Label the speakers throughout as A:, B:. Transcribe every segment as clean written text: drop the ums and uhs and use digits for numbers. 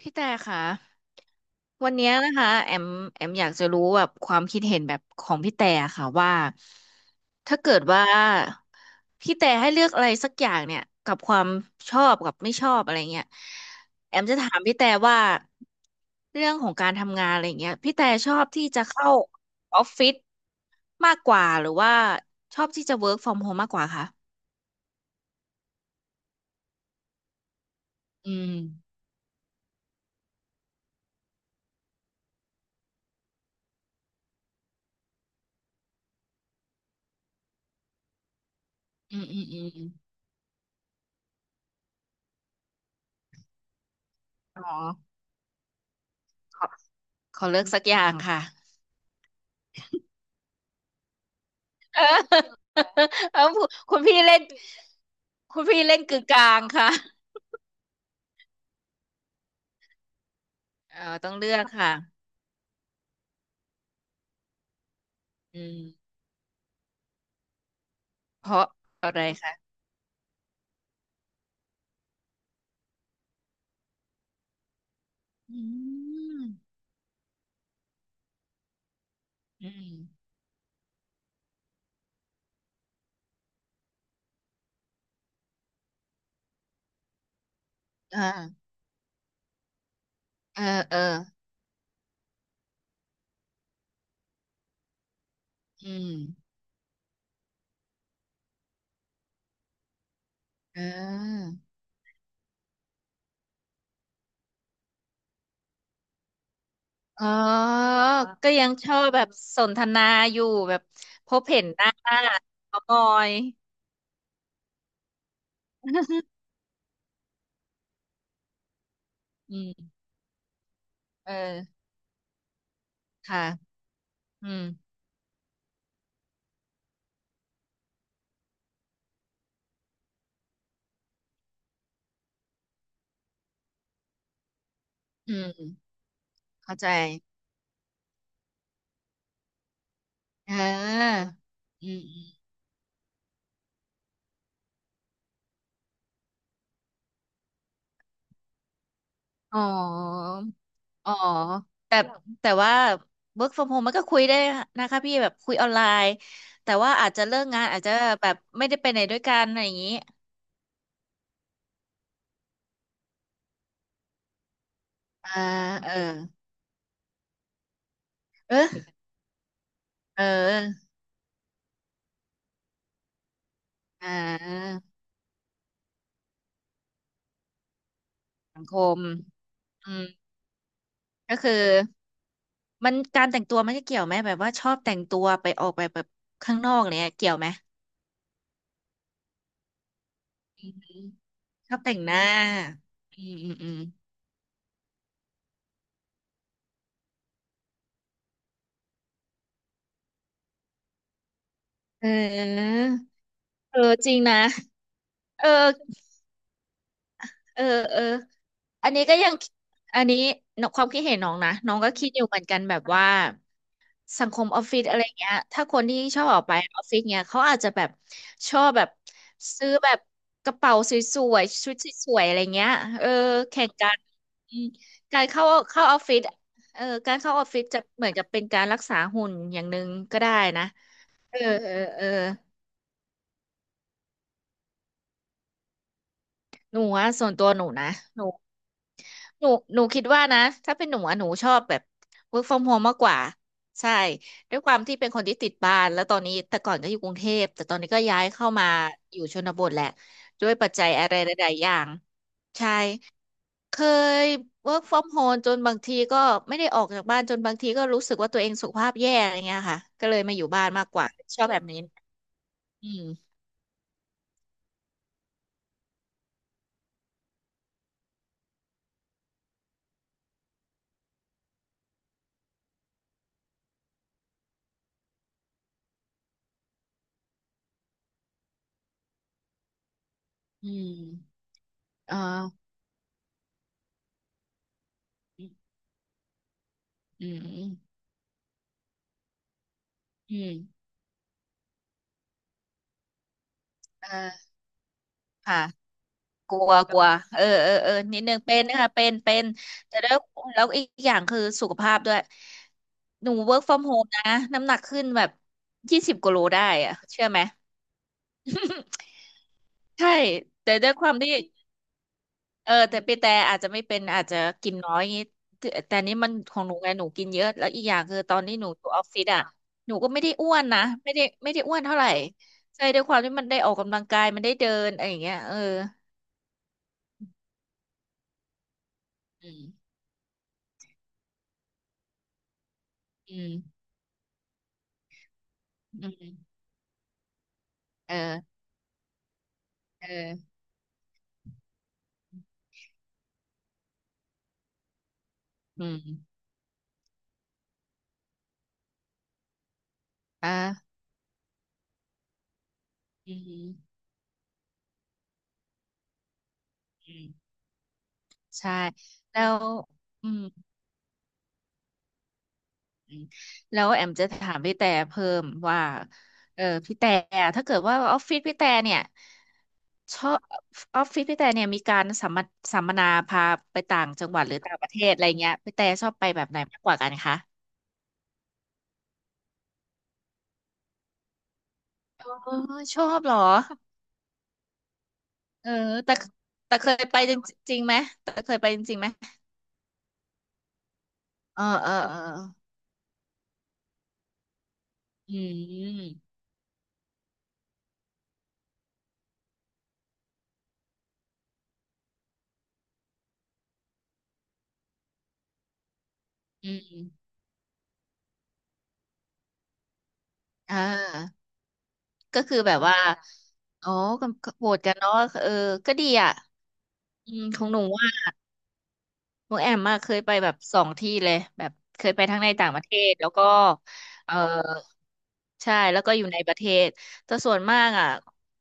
A: พี่แต่ค่ะวันเนี้ยนะคะแอมแอมอยากจะรู้แบบความคิดเห็นแบบของพี่แต่ค่ะว่าถ้าเกิดว่าพี่แต่ให้เลือกอะไรสักอย่างเนี่ยกับความชอบกับไม่ชอบอะไรเงี้ยแอมจะถามพี่แต่ว่าเรื่องของการทำงานอะไรเงี้ยพี่แต่ชอบที่จะเข้าออฟฟิศมากกว่าหรือว่าชอบที่จะ work from home มากกว่าคะอืมอืมอืมอืมอมอ๋อขอเลือกสักอย่างค่ะ เออเออคุณพี่เล่นกึ่งกลางค่ะเออต้องเลือกค่ะอืมเพราะอะไรคะอืมอืมอ่าเออเอออืมเอออ๋อก็ยังชอบแบบสนทนาอยู่แบบพบเห็นหน้าเขามอยอืมเออค่ะอืมอืมเข้าใจเอออืมอมอ๋อ อ๋อแต่ว่า work from home มันก็คุยได้นะคะพี่แบบคุยออนไลน์แต่ว่าอาจจะเลิกงานอาจจะแบบไม่ได้ไปไหนด้วยกันอะไรอย่างนี้อ่าเออเออเอออ่าสังคมอืมก็คือมันการแต่งตัวมันจะเกี่ยวไหมแบบว่าชอบแต่งตัวไปออกไปแบบข้างนอกเนี่ยเกี่ยวไหมอืมชอบแต่งหน้าอืมอืมอืมเออเออจริงนะเออ เออเอออันนี้ก็ยังอันนี้นความคิดเห็นน้องนะน้องก็คิดอยู่เหมือนกันแบบว่าสังคมออฟฟิศอะไรเงี้ยถ้าคนที่ชอบออกไปออฟฟิศเงี้ยเขาอาจจะแบบชอบแบบซื้อแบบกระเป๋าสวยๆชุดสวยๆอะไรเงี้ยเออแข่งกันอืมการเข้าเข้าออฟฟิศเออการเข้าออฟฟิศจะเหมือนกับเป็นการรักษาหุ่นอย่างหนึ่งก็ได้นะเออเออเออ หนูอะส่วนตัวหนูนะหนูหนูหนูคิดว่านะถ้าเป็นหนูอะหนูชอบแบบ work from home มากกว่าใช่ด้วยความที่เป็นคนที่ติดบ้านแล้วตอนนี้แต่ก่อนก็อยู่กรุงเทพแต่ตอนนี้ก็ย้ายเข้ามาอยู่ชนบทแหละด้วยปัจจัยอะไรหลายๆอย่างใช่เคย work from home จนบางทีก็ไม่ได้ออกจากบ้านจนบางทีก็รู้สึกว่าตัวเองสุขภาพแย่อะไรเงี้ยค่ะก็เลยมาอยู่บ้านมากกว่าชอบแบบนี้อืมอืมเอออืมอืมอืมเออ ค่ะกลัวกลัวเออเออเออนิดนึงเป็นนะคะเป็นเป็นแต่แล้วแล้วอีกอย่างคือสุขภาพด้วยหนู work from home นะน้ำหนักขึ้นแบบ20 กิโลได้อะเชื่อไหม ใช่แต่ด้วยความที่เออแต่ปีแต่อาจจะไม่เป็นอาจจะกินน้อยอย่างงี้แต่นี่มันของหนูไงหนูกินเยอะแล้วอีกอย่างคือตอนนี้หนูอยู่ออฟฟิศอ่ะหนูก็ไม่ได้อ้วนนะไม่ได้อ้วนเท่าไหร่ใช่ด้วยความที่มันได้ออกกำลังกายมันได้เดินอะไรอย่างเงี้ยเอออืมอืม อืมเออเอออืมอ่ะอืมอืมใช่แล้วอืมอืมแล้วแอมจะถามพี่แต่เพิ่มว่าเออพี่แต่ถ้าเกิดว่าออฟฟิศพี่แต่เนี่ยชอบออฟฟิศพี่แต่เนี่ยมีการสัมมนาพาไปต่างจังหวัดหรือต่างประเทศอะไรเงี้ยพี่แต่ชอบไปแบบไหนมากกว่ากันคะอ๋อชอบเหรอเออแต่เคยไปจริงจริงไหมแต่เคยไปจริงๆไหมเออเออเอออืมอืม อ่าก็คือแบบว่าอ๋อก็โหวตกันเนาะเออก็ดีอ่ะอืมของหนูว่าหนูแอมมาเคยไปแบบสองที่เลยแบบเคยไปทั้งในต่างประเทศแล้วก็เออใช่แล้วก็อยู่ในประเทศแต่ส่วนมากอ่ะ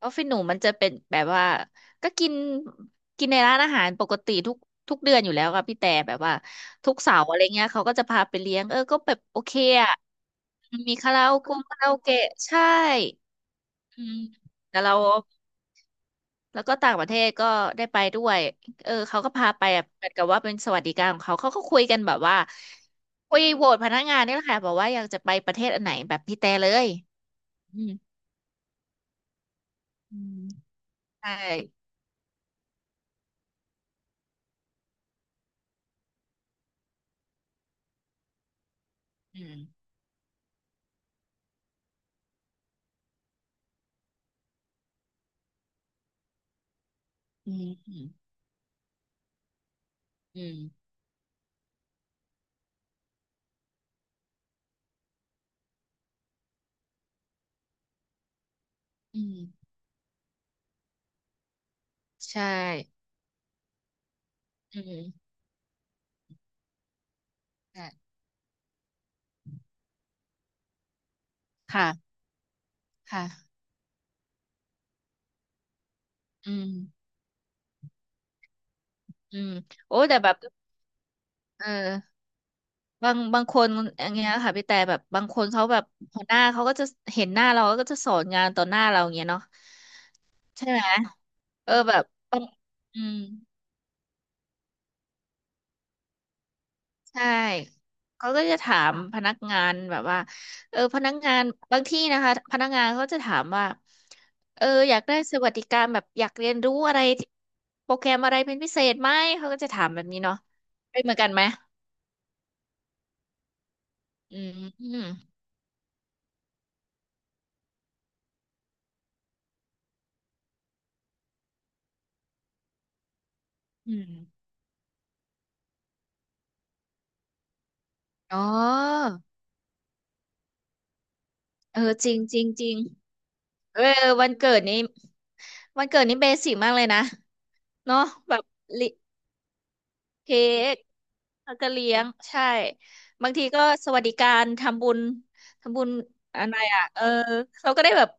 A: ออฟฟิศหนูมันจะเป็นแบบว่าก็กินกินในร้านอาหารปกติทุกเดือนอยู่แล้วค่ะพี่แต่แบบว่าทุกเสาร์อะไรเงี้ยเขาก็จะพาไปเลี้ยงเออก็แบบโอเคอ่ะมีคาราโอเกะคาราโอเกะใช่อืมแต่เรา แล้วก็ต่างประเทศก็ได้ไปด้วยเออเขาก็พาไปอะเหมือนกับว่าเป็นสวัสดิการของเขาเขาก็คุยกันแบบว่าคุยโหวตพนักงานนี่แหละค่ะบอกว่าอยากจะไปประเทศอันไหนแบบพี่แต่เลยอืมอืมใช่อืมอืมอืมอืมอืมใช่อืมค่ะค่ะค่ะอืมอืมโอ้ แต่แบบเออบางคนอย่างเงี้ยค่ะพี่แต่แบบบางคนเขาแบบหัวหน้าเขาก็จะเห็นหน้าเราก็จะสอนงานต่อหน้าเราอย่างเงี้ยเนาะใช่ไหม เออแบบปัญอืมใช่เขาก็จะถามพนักงานแบบว่าเออพนักงานบางที่นะคะพนักงานเขาจะถามว่าเอออยากได้สวัสดิการแบบอยากเรียนรู้อะไรโปรแกรมอะไรเป็นพิเศษไหมเขาก็จะถามแบบนี้เนาะเป็นเหมือนกันไหมอืมอืมอืมอ๋อเออจริงจริงจริงเออวันเกิดนี้เบสิกมากเลยนะเนาะแบบ เค้กแล้วก็เลี้ยงใช่บางทีก็สวัสดิการทำบุญทำบุญอะไรอ่ะ เออเราก็ได้แบบ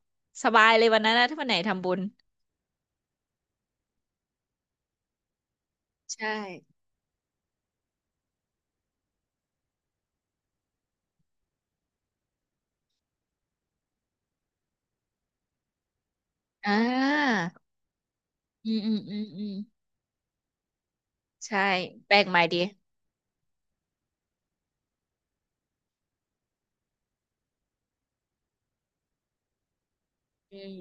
A: สบายเลยวันนั้นนะถ้าวันไหนทำบุญใช่อ่าอืมอืมอืมอืมใช่แปลกใหม่ดี อืม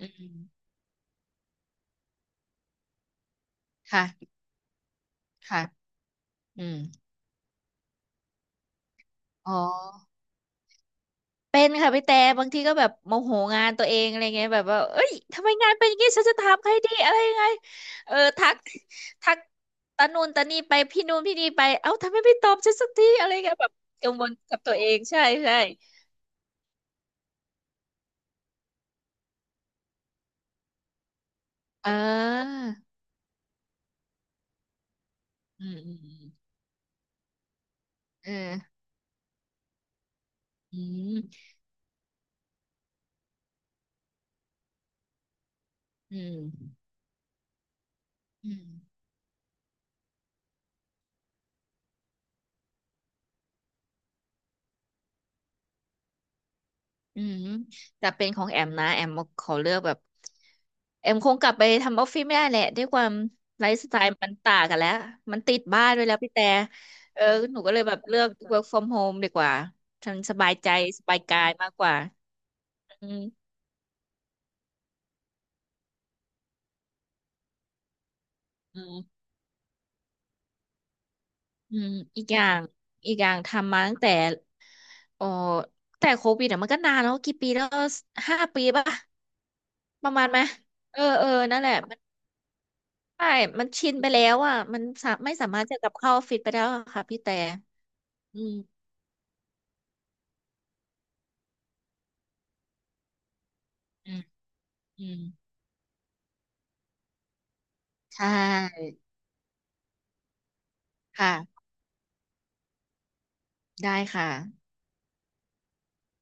A: อืมค่ะ ค่ะ อืมอ๋อ เป็นค่ะพี่แต่บางทีก็แบบโมโหงานตัวเองอะไรเงี้ยแบบว่าเอ้ยทำไมงานเป็นอย่างงี้ฉันจะถามใครดีอะไรยังไงเออทักทักตะนูนตะนี่ไปพี่นูนพี่นี่ไปเอ้าทำไมไม่ตอบฉันสักทีอะไรเงี้ยแบบกังวลกับตัวเองใช่ใช่เอ่าอืมอืมอืมเอออืมอืมอืม อืมแต่เป็นของแอมนะแอมขอเลือกแบบแอมคงกลับไปทำออฟฟิศไม่ได้แหละด้วยความไลฟ์สไตล์มันต่างกันแล้วมันติดบ้านด้วยแล้วพี่แต่เออหนูก็เลยแบบเลือก work from home ดีกว่าฉันสบายใจสบายกายมากกว่าอืมอืมอืมอีกอย่างทำมาตั้งแต่โอ้แต่โควิดอะมันก็นานแล้วกี่ปีแล้ว5 ปีป่ะประมาณไหมเออเออนั่นแหละ ใช่ มันชินไปแล้วอ่ะ มันไม่สามารถจะกลับเข้าออฟฟิศไปแล้วอะค่ะพี่แต่อืมอืมอืมใช่ค่ะ ได้ค่ะ